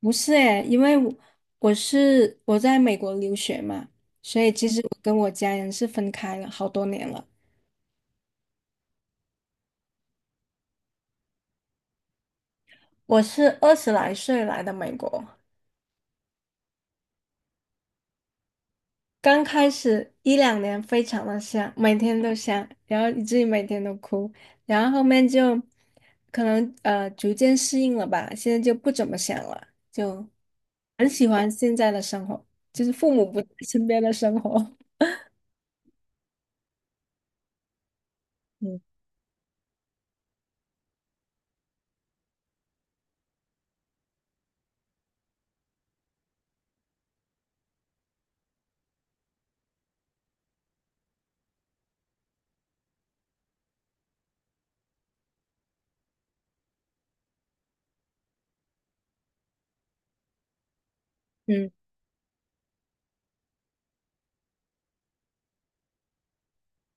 不是诶，因为我在美国留学嘛，所以其实我跟我家人是分开了好多年了。我是二十来岁来的美国，刚开始一两年非常的想，每天都想，然后以至于每天都哭，然后后面就可能逐渐适应了吧，现在就不怎么想了，就很喜欢现在的生活，就是父母不在身边的生活。嗯嗯。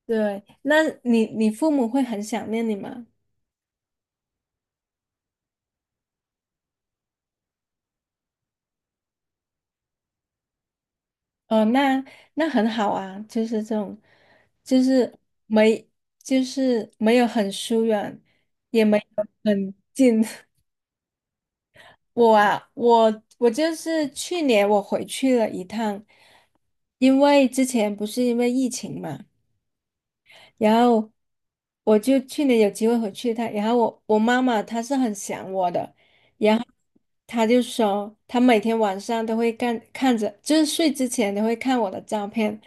对，那你父母会很想念你吗？哦，那那很好啊，就是这种，就是没，就是没有很疏远，也没有很近。我啊，我就是去年我回去了一趟，因为之前不是因为疫情嘛。然后我就去年有机会回去一趟，然后我妈妈她是很想我的，然后她就说她每天晚上都会看着，就是睡之前都会看我的照片，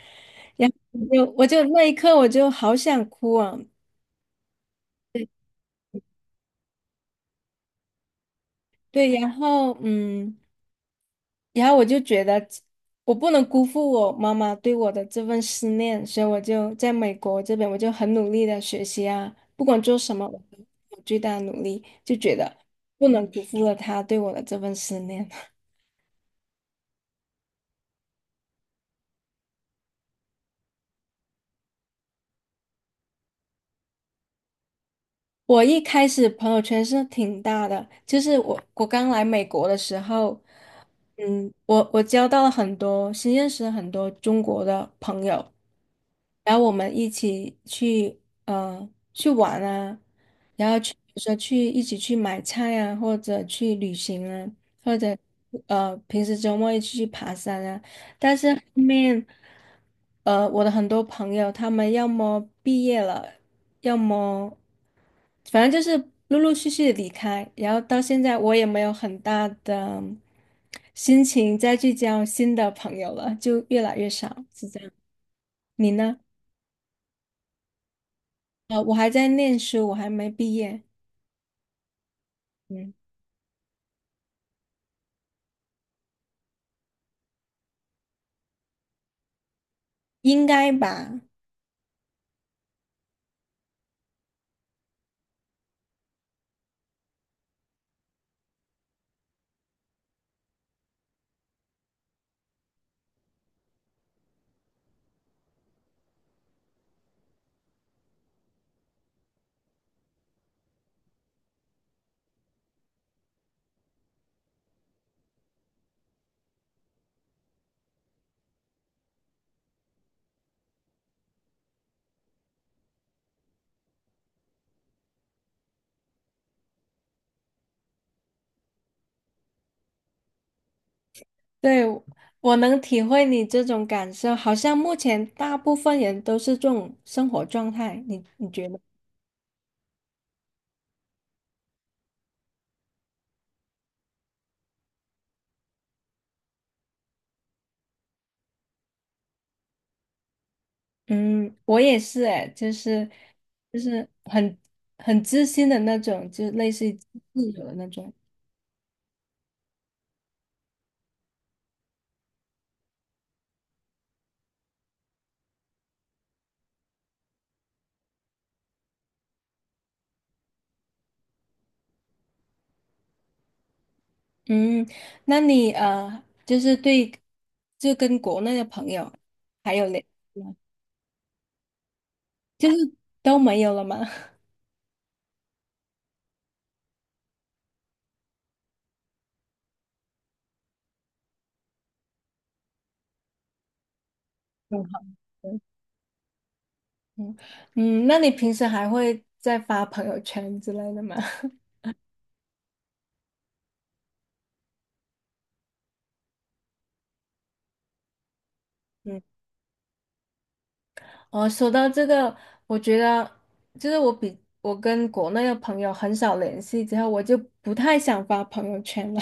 然后我就我就那一刻我就好想哭啊，对，然后嗯。然后我就觉得我不能辜负我妈妈对我的这份思念，所以我就在美国这边，我就很努力的学习啊，不管做什么，我最大的努力，就觉得不能辜负了她对我的这份思念。我一开始朋友圈是挺大的，就是我刚来美国的时候，嗯，我交到了很多，新认识了很多中国的朋友，然后我们一起去呃去玩啊，然后去比如说去一起去买菜啊，或者去旅行啊，或者平时周末一起去爬山啊，但是后面我的很多朋友他们要么毕业了。要么反正就是陆陆续续的离开，然后到现在我也没有很大的心情再去交新的朋友了，就越来越少，是这样。你呢？呃，我还在念书，我还没毕业，嗯，应该吧？对，我能体会你这种感受，好像目前大部分人都是这种生活状态，你觉得？嗯，我也是哎，就是很很知心的那种，就类似于自由的那种。嗯，那你，就是对，就跟国内的朋友还有联系吗？就是都没有了吗？嗯，好的。嗯嗯，那你平时还会再发朋友圈之类的吗？嗯，哦，说到这个，我觉得就是我比我跟国内的朋友很少联系之后，我就不太想发朋友圈了。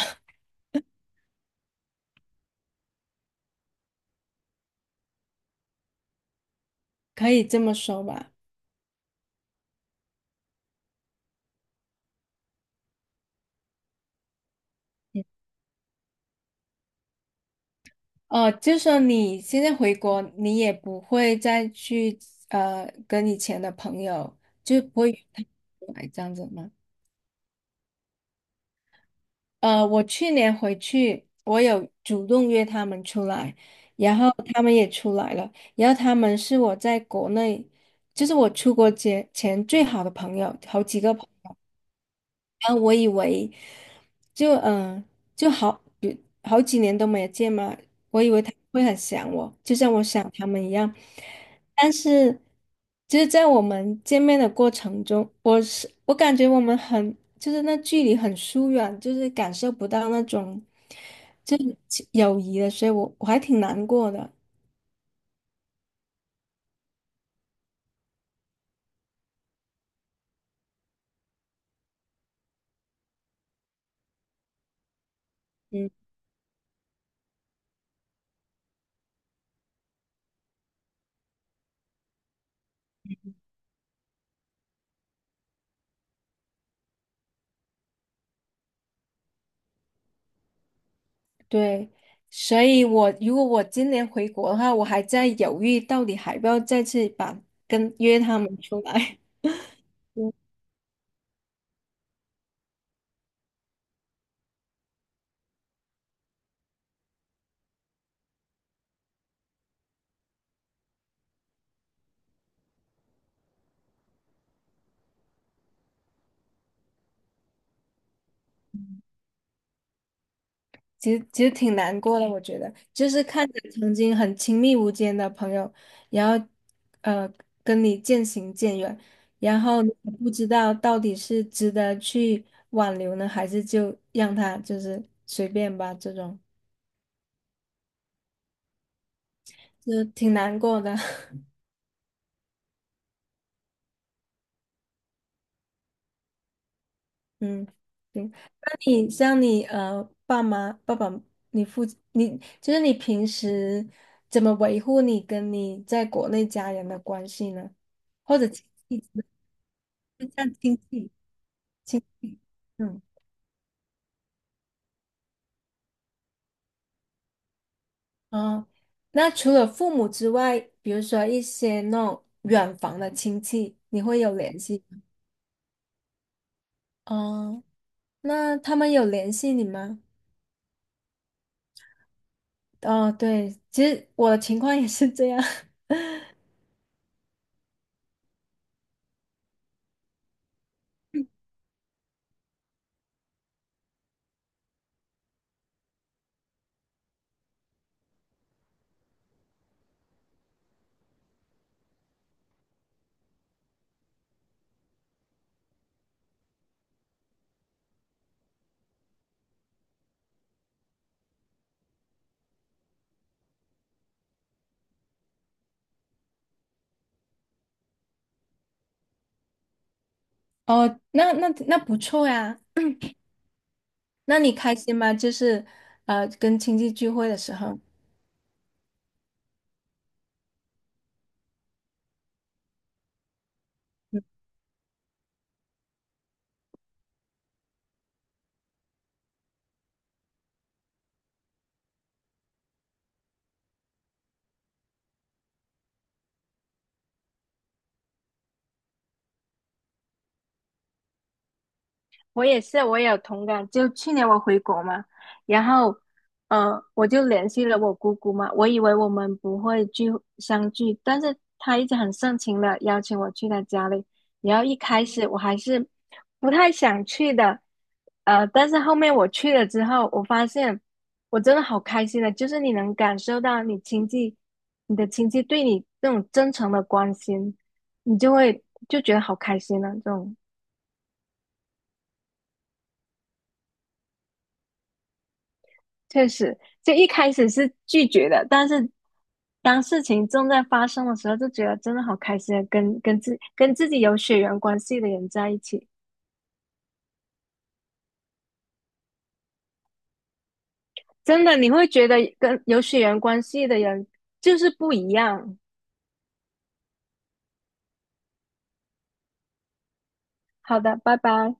可以这么说吧。哦，就是说你现在回国，你也不会再去跟以前的朋友，就不会来这样子吗？呃，我去年回去，我有主动约他们出来，然后他们也出来了，然后他们是我在国内，就是我出国前最好的朋友，好几个朋友。然后我以为就嗯、呃就好，比好几年都没有见嘛，我以为他会很想我，就像我想他们一样。但是，就是在我们见面的过程中，我感觉我们很就是那距离很疏远，就是感受不到那种就是亲友谊的，所以我还挺难过的。嗯，对，所以我如果我今年回国的话，我还在犹豫到底还要不要再次跟约他们出来。其实挺难过的，我觉得，就是看着曾经很亲密无间的朋友，然后呃跟你渐行渐远，然后你也不知道到底是值得去挽留呢，还是就让他就是随便吧，这种就挺难过的。嗯，行，那你像你爸爸，你父你就是你平时怎么维护你跟你在国内家人的关系呢？或者亲戚之类？就像亲戚。亲，历，嗯，啊，那除了父母之外，比如说一些那种远房的亲戚，你会有联系吗？哦，那他们有联系你吗？哦，对，其实我的情况也是这样。哦，那那那不错呀。那你开心吗？就是呃，跟亲戚聚会的时候。我也是，我也有同感。就去年我回国嘛，然后，嗯，我就联系了我姑姑嘛。我以为我们不会聚相聚，但是她一直很盛情的邀请我去她家里。然后一开始我还是不太想去的，呃，但是后面我去了之后，我发现我真的好开心的，就是你能感受到你亲戚，你的亲戚对你那种真诚的关心，你就会就觉得好开心啊，这种。确实，就一开始是拒绝的，但是当事情正在发生的时候，就觉得真的好开心啊，跟自己有血缘关系的人在一起，真的你会觉得跟有血缘关系的人就是不一样。好的，拜拜。